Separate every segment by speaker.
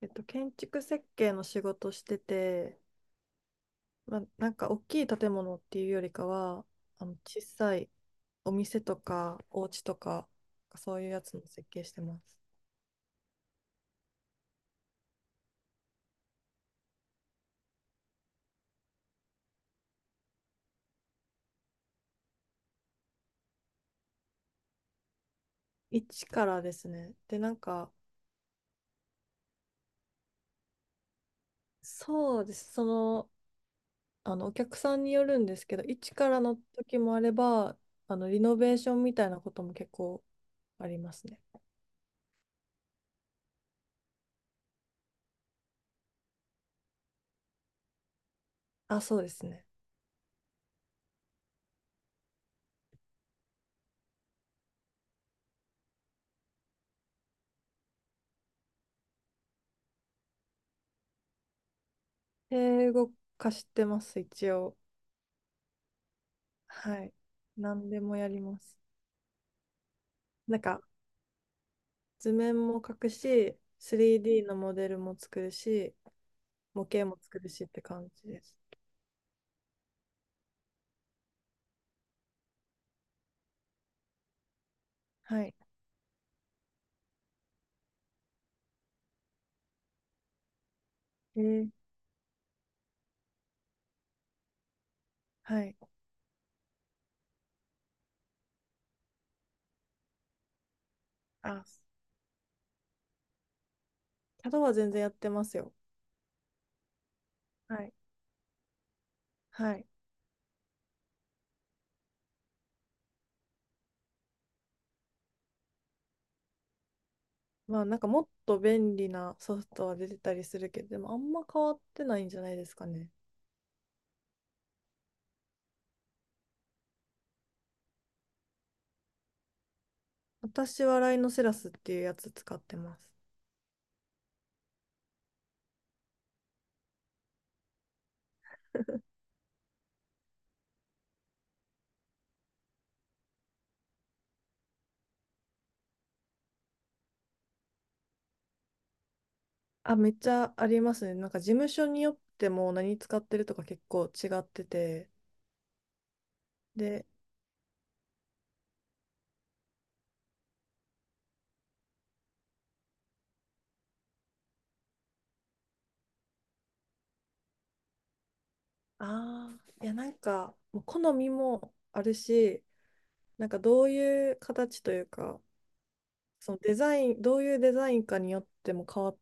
Speaker 1: 建築設計の仕事してて、まあ、なんか大きい建物っていうよりかは、あの小さいお店とかお家とか、そういうやつの設計してます。一からですね。で、なんか、そうです。その、お客さんによるんですけど、一からの時もあれば、リノベーションみたいなことも結構ありますね。あ、そうですね。英語化してます、一応。はい。何でもやります。なんか、図面も描くし、3D のモデルも作るし、模型も作るしって感じです。はい。えー、はい。あ、CAD は全然やってますよ。はい。はい。まあなんかもっと便利なソフトは出てたりするけど、でもあんま変わってないんじゃないですかね。私はライノセラスっていうやつ使ってます。あ、めっちゃありますね。なんか事務所によっても何使ってるとか結構違ってて。で、ああ、いやなんかもう好みもあるし、なんかどういう形というか、そのデザイン、どういうデザインかによっても変わっ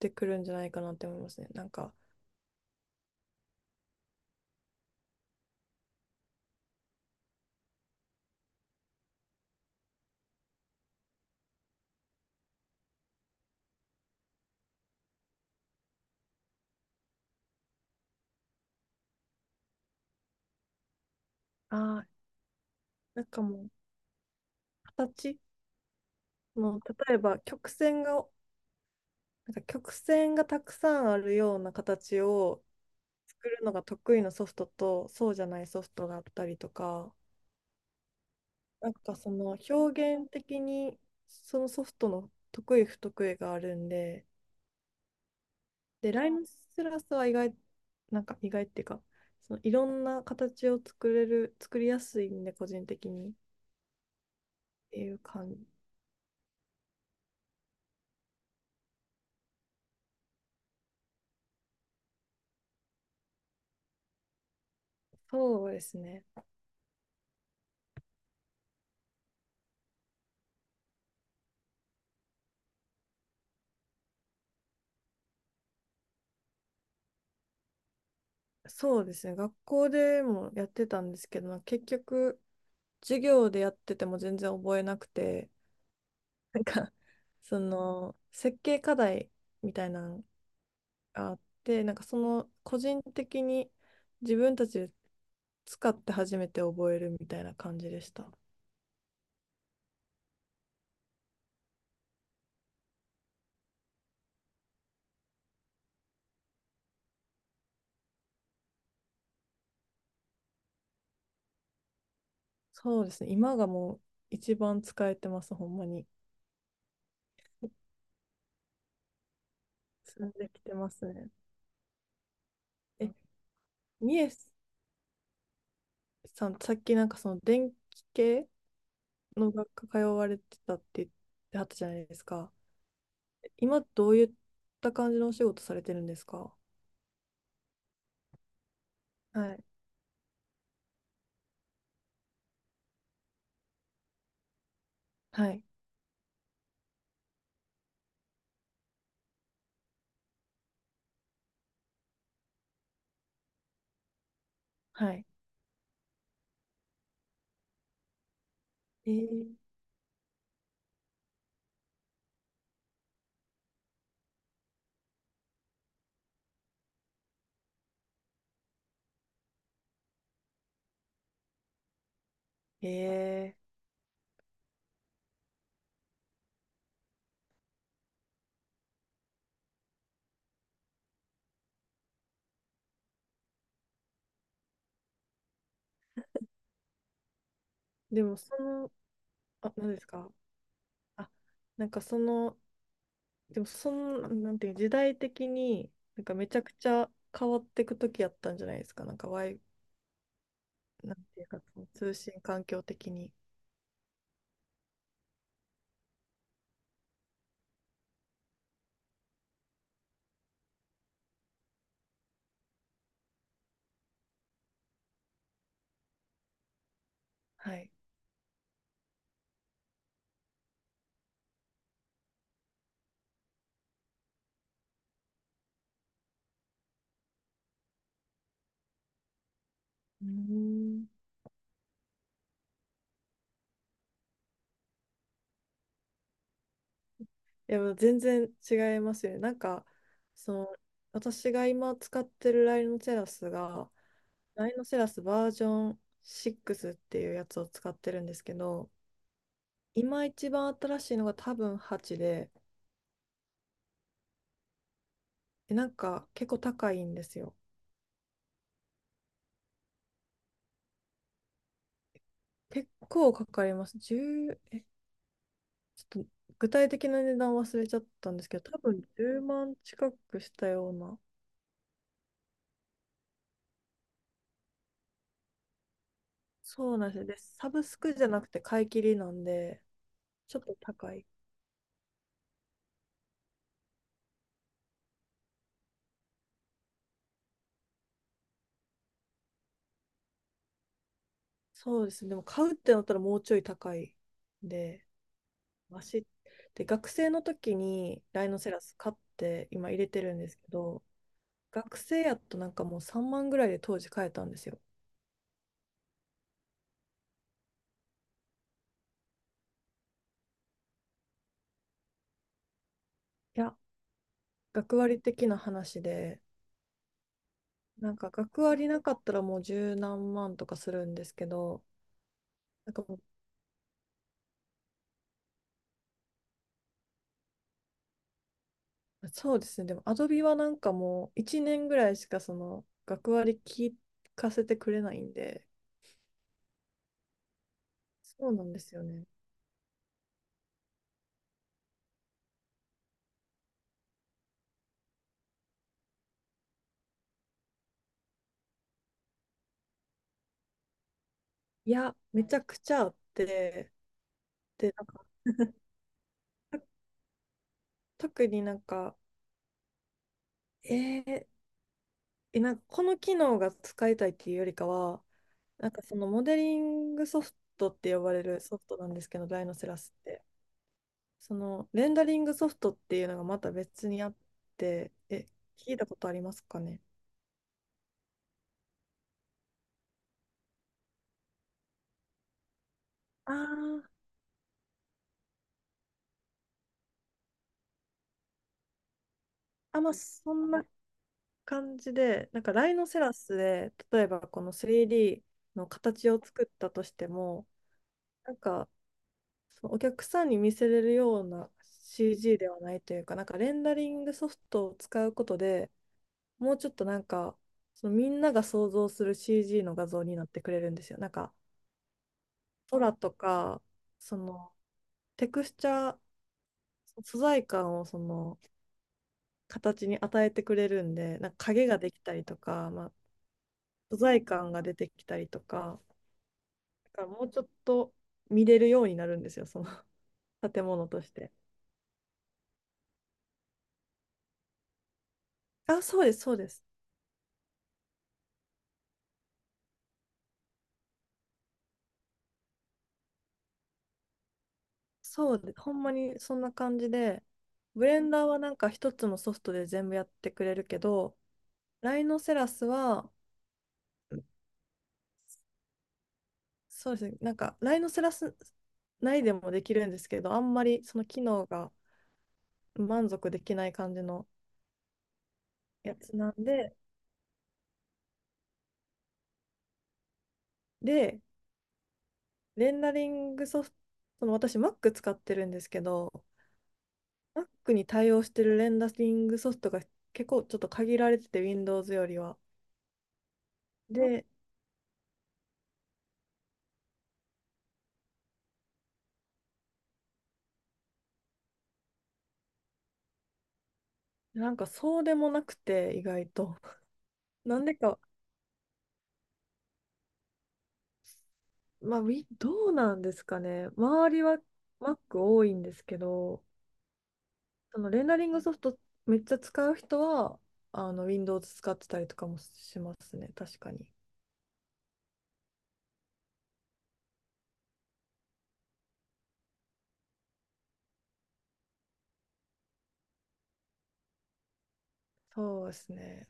Speaker 1: てくるんじゃないかなって思いますね。なんか、ああ、なんかもう形もう例えば曲線が、なんか曲線がたくさんあるような形を作るのが得意なソフトとそうじゃないソフトがあったりとか、なんかその表現的にそのソフトの得意不得意があるんで、で、ライムシラスはなんか意外っていうか、そのいろんな形を作れる、作りやすいんで、個人的にっていう感じ。そうですね。そうですね。学校でもやってたんですけど、結局、授業でやってても全然覚えなくて、なんか、その、設計課題みたいなのあって、なんかその個人的に自分たちで使って初めて覚えるみたいな感じでした。そうですね。今がもう一番使えてます、ほんまに。進んできてますね。え、みえさん、さっきなんかその電気系の学科通われてたって言ってはったじゃないですか。今どういった感じのお仕事されてるんですか？はい。はい。はい。えー、えでもその、あ、何ですか？あ、なんかその、でもその、なんていう、時代的に、なんかめちゃくちゃ変わっていく時やったんじゃないですか。なんか、なんていうか、その通信環境的に。はい。うーん。いや、もう全然違いますよね。なんか、その、私が今使ってるライノセラスが、ライノセラスバージョン6っていうやつを使ってるんですけど、今一番新しいのが多分8で、でなんか結構高いんですよ。結構かかります。1ちょっと具体的な値段忘れちゃったんですけど、多分10万近くしたような。そうなんですよ。で、サブスクじゃなくて買い切りなんで、ちょっと高い。そうですね。でも買うってなったらもうちょい高いんで、マシ。で、学生の時にライノセラス買って今入れてるんですけど、学生やとなんかもう3万ぐらいで当時買えたんですよ。いや、学割的な話で、なんか学割なかったらもう十何万とかするんですけど、なんかもう、そうですね、でもアドビはなんかもう1年ぐらいしかその学割聞かせてくれないんで、そうなんですよね。いや、めちゃくちゃあって、で、なんか 特になんか、えーえなんかこの機能が使いたいっていうよりかは、なんかそのモデリングソフトって呼ばれるソフトなんですけど、ライノセラスって。そのレンダリングソフトっていうのがまた別にあって、聞いたことありますかね？あー、あ、まあ、そんな感じで、なんかライノセラスで、例えばこの 3D の形を作ったとしても、なんかそのお客さんに見せれるような CG ではないというか、なんかレンダリングソフトを使うことでもうちょっとなんか、そのみんなが想像する CG の画像になってくれるんですよ。なんか空とか、そのテクスチャー素材感をその形に与えてくれるんで、なんか影ができたりとか、まあ、素材感が出てきたりとか、だからもうちょっと見れるようになるんですよ、その 建物として。あ、そうです、そうです。そうです。ほんまにそんな感じで、ブレンダーはなんか一つのソフトで全部やってくれるけど、ライノセラスは、そうですね、なんかライノセラス内でもできるんですけど、あんまりその機能が満足できない感じのやつなんで、で、レンダリングソフト、その私 Mac 使ってるんですけど、Mac に対応してるレンダリングソフトが結構ちょっと限られてて、Windows よりは。で、なんかそうでもなくて、意外と。なんでか、まあ、どうなんですかね。周りは Mac 多いんですけど、そのレンダリングソフトめっちゃ使う人は、あの Windows 使ってたりとかもしますね、確かに。そうですね。